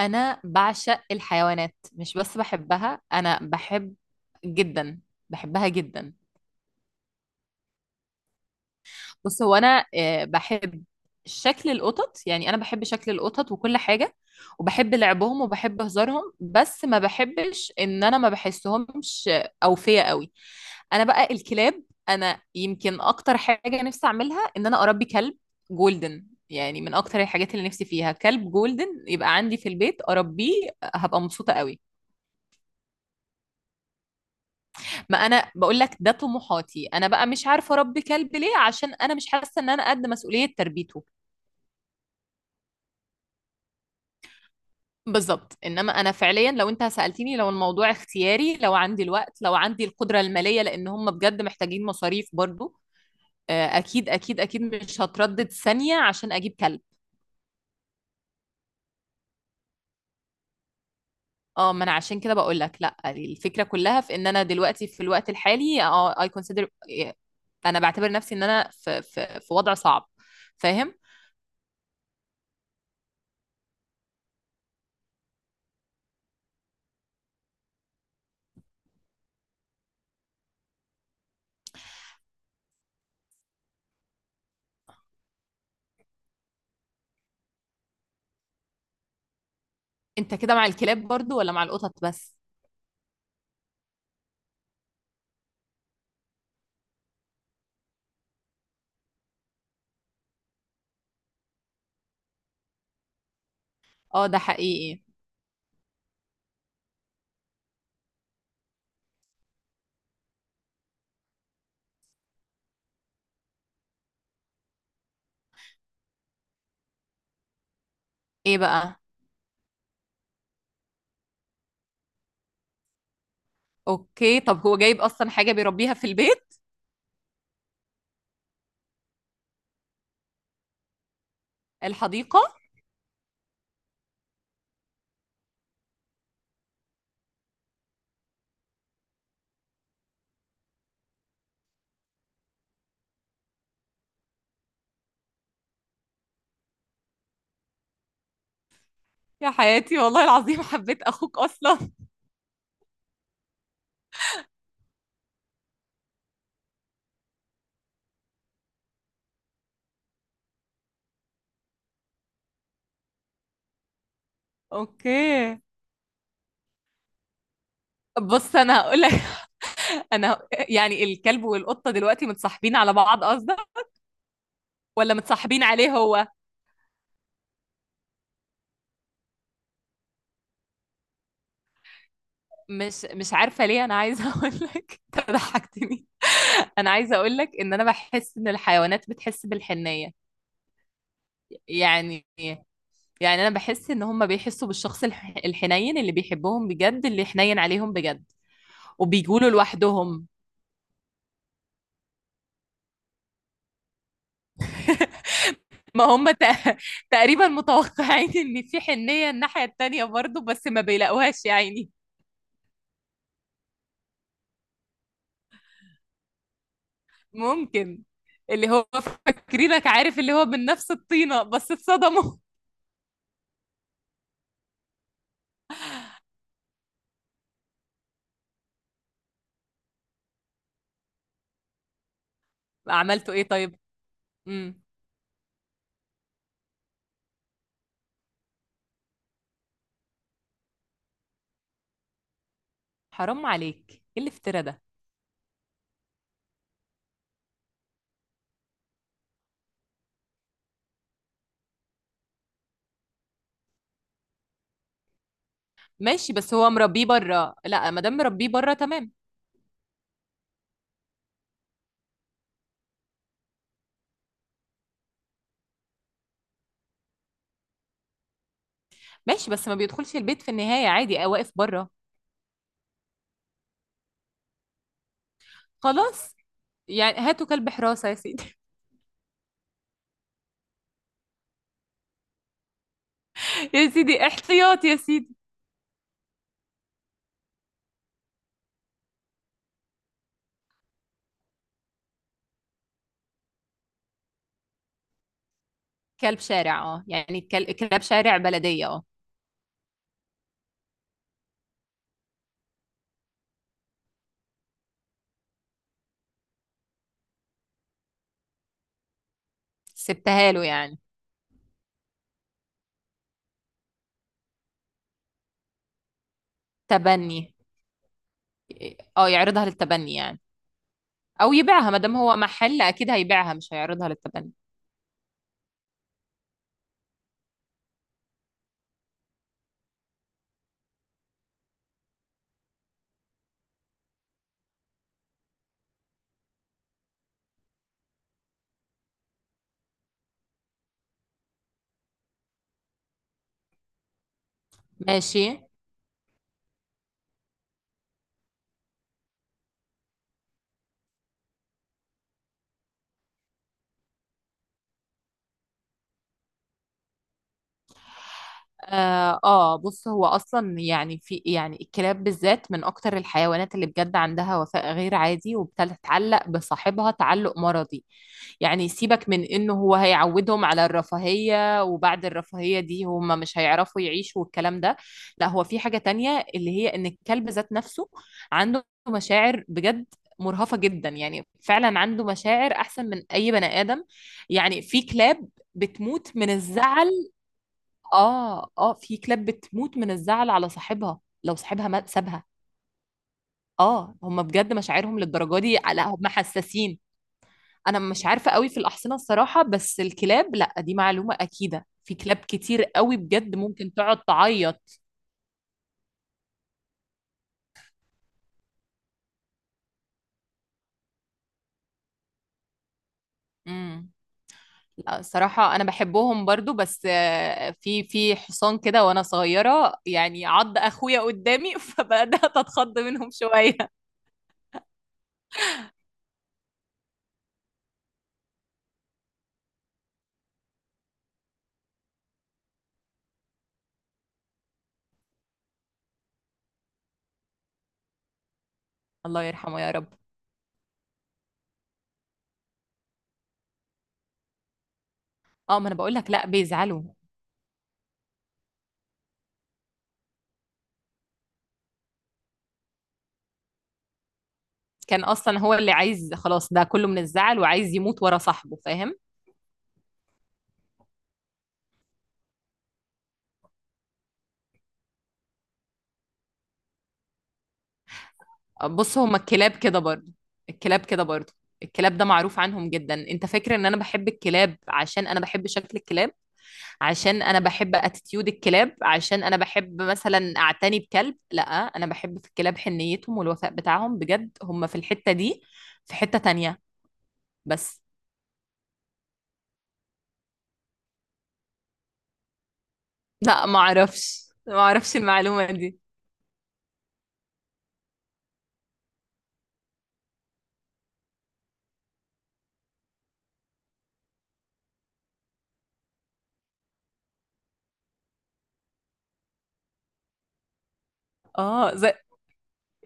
انا بعشق الحيوانات، مش بس بحبها. انا بحب جدا بحبها جدا. بص، هو انا بحب شكل القطط. يعني انا بحب شكل القطط وكل حاجة، وبحب لعبهم وبحب هزارهم، بس ما بحبش ان انا ما بحسهمش اوفية قوي. انا بقى الكلاب، انا يمكن اكتر حاجة نفسي اعملها ان انا اربي كلب جولدن. يعني من اكتر الحاجات اللي نفسي فيها كلب جولدن يبقى عندي في البيت اربيه. هبقى مبسوطة قوي. ما انا بقول لك ده طموحاتي. انا بقى مش عارفه اربي كلب ليه، عشان انا مش حاسه ان انا قد مسؤوليه تربيته. بالظبط. انما انا فعليا لو انت سالتني، لو الموضوع اختياري، لو عندي الوقت، لو عندي القدره الماليه، لان هم بجد محتاجين مصاريف برضو. اكيد اكيد اكيد مش هتردد ثانيه عشان اجيب كلب. اه، ما انا عشان كده بقول لك لا. الفكره كلها في ان انا دلوقتي في الوقت الحالي اه اي كونسيدر. انا بعتبر نفسي ان انا في وضع صعب. فاهم. انت كده مع الكلاب برضو ولا مع القطط بس؟ اه ده حقيقي. ايه بقى؟ اوكي، طب هو جايب اصلا حاجة بيربيها في البيت؟ الحديقة؟ يا حياتي، والله العظيم حبيت اخوك اصلا. اوكي، بص انا هقول لك. انا ه- يعني الكلب والقطة دلوقتي متصاحبين على بعض قصدك؟ ولا متصاحبين عليه هو؟ مش عارفة ليه انا عايزة اقول لك، انت ضحكتني. انا عايزة اقول لك ان انا بحس ان الحيوانات بتحس بالحنية. يعني يعني انا بحس ان هم بيحسوا بالشخص الحنين اللي بيحبهم بجد، اللي حنين عليهم بجد. وبيجولوا لوحدهم. ما هم تقريبا متوقعين ان في حنية الناحية التانية برضو، بس ما بيلاقوهاش يا عيني. ممكن. اللي هو فاكرينك، عارف، اللي هو من نفس الطينة، بس اتصدموا. عملتوا ايه طيب؟ امم. حرام عليك، ايه الافتراء ده؟ ماشي، بس هو مربيه بره. لا، ما دام مربيه بره تمام. ماشي، بس ما بيدخلش البيت في النهاية، عادي، واقف بره. خلاص، يعني هاتوا كلب حراسة يا سيدي. يا سيدي احتياط يا سيدي. كلب شارع، اه، يعني كلاب شارع بلدية، اه. سبتها له يعني. تبني، اه، يعرضها للتبني يعني. او يبيعها، ما دام هو محل اكيد هيبيعها مش هيعرضها للتبني. ماشي. بص هو اصلا، يعني، في، يعني الكلاب بالذات من اكتر الحيوانات اللي بجد عندها وفاء غير عادي، وبتتعلق بصاحبها تعلق مرضي. يعني سيبك من انه هو هيعودهم على الرفاهية وبعد الرفاهية دي هم مش هيعرفوا يعيشوا والكلام ده. لا، هو في حاجة تانية، اللي هي ان الكلب ذات نفسه عنده مشاعر بجد مرهفة جدا. يعني فعلا عنده مشاعر احسن من اي بني ادم. يعني في كلاب بتموت من الزعل. اه اه، في كلاب بتموت من الزعل على صاحبها لو صاحبها ما سابها. اه، هم بجد مشاعرهم للدرجه دي، لا هم حساسين. انا مش عارفه قوي في الاحصنه الصراحه، بس الكلاب لا، دي معلومه اكيده، في كلاب كتير قوي بجد ممكن تقعد تعيط. امم. لا الصراحه انا بحبهم برضو، بس في حصان كده وانا صغيره يعني عض اخويا قدامي، فبدات اتخض منهم شويه. الله يرحمه يا رب. اه، ما انا بقول لك، لا بيزعلوا. كان اصلا هو اللي عايز خلاص ده كله من الزعل وعايز يموت ورا صاحبه، فاهم؟ بص، هما الكلاب كده برضه. الكلاب كده برضه. الكلاب ده معروف عنهم جدا. انت فاكر ان انا بحب الكلاب عشان انا بحب شكل الكلاب؟ عشان انا بحب اتيتيود الكلاب؟ عشان انا بحب مثلا اعتني بكلب؟ لا، انا بحب في الكلاب حنيتهم والوفاء بتاعهم بجد، هم في الحتة دي. في حتة تانية. بس. لا، ما اعرفش ما اعرفش المعلومة دي. اه،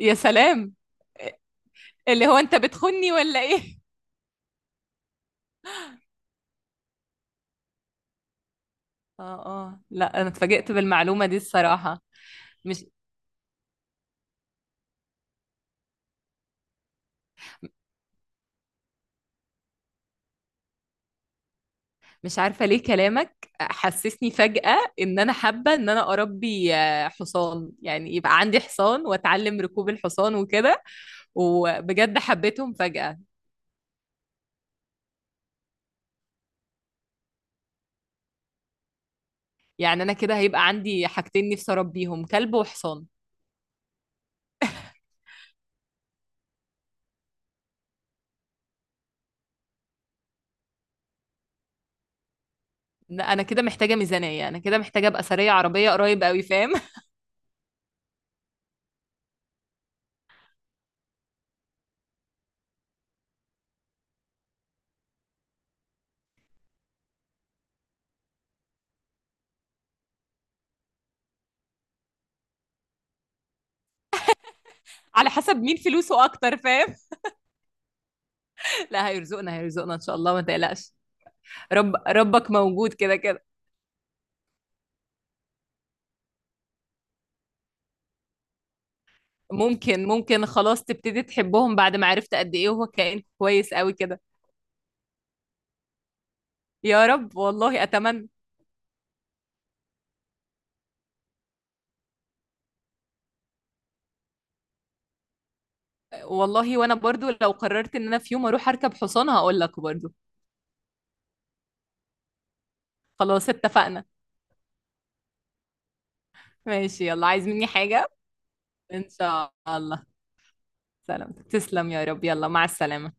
يا سلام. اللي هو انت بتخني ولا ايه؟ اه اه، لا انا اتفاجئت بالمعلومة دي الصراحة. مش مش عارفة ليه كلامك حسسني فجأة ان انا حابة ان انا اربي حصان، يعني يبقى عندي حصان واتعلم ركوب الحصان وكده. وبجد حبيتهم فجأة. يعني انا كده هيبقى عندي حاجتين نفسي اربيهم، كلب وحصان. لا، انا كده محتاجة ميزانية، انا كده محتاجة ابقى ثرية عربية قريب قوي، فاهم؟ على حسب مين فلوسه اكتر، فاهم؟ لا، هيرزقنا هيرزقنا ان شاء الله، ما تقلقش. رب ربك موجود كده كده. ممكن ممكن خلاص تبتدي تحبهم بعد ما عرفت قد ايه هو كائن كويس قوي كده. يا رب، والله اتمنى. والله وانا برضو لو قررت ان انا في يوم اروح اركب حصان هقول لك برضو. خلاص اتفقنا. ماشي يلا، عايز مني حاجة؟ ان شاء الله. سلام، تسلم يا رب، يلا مع السلامة.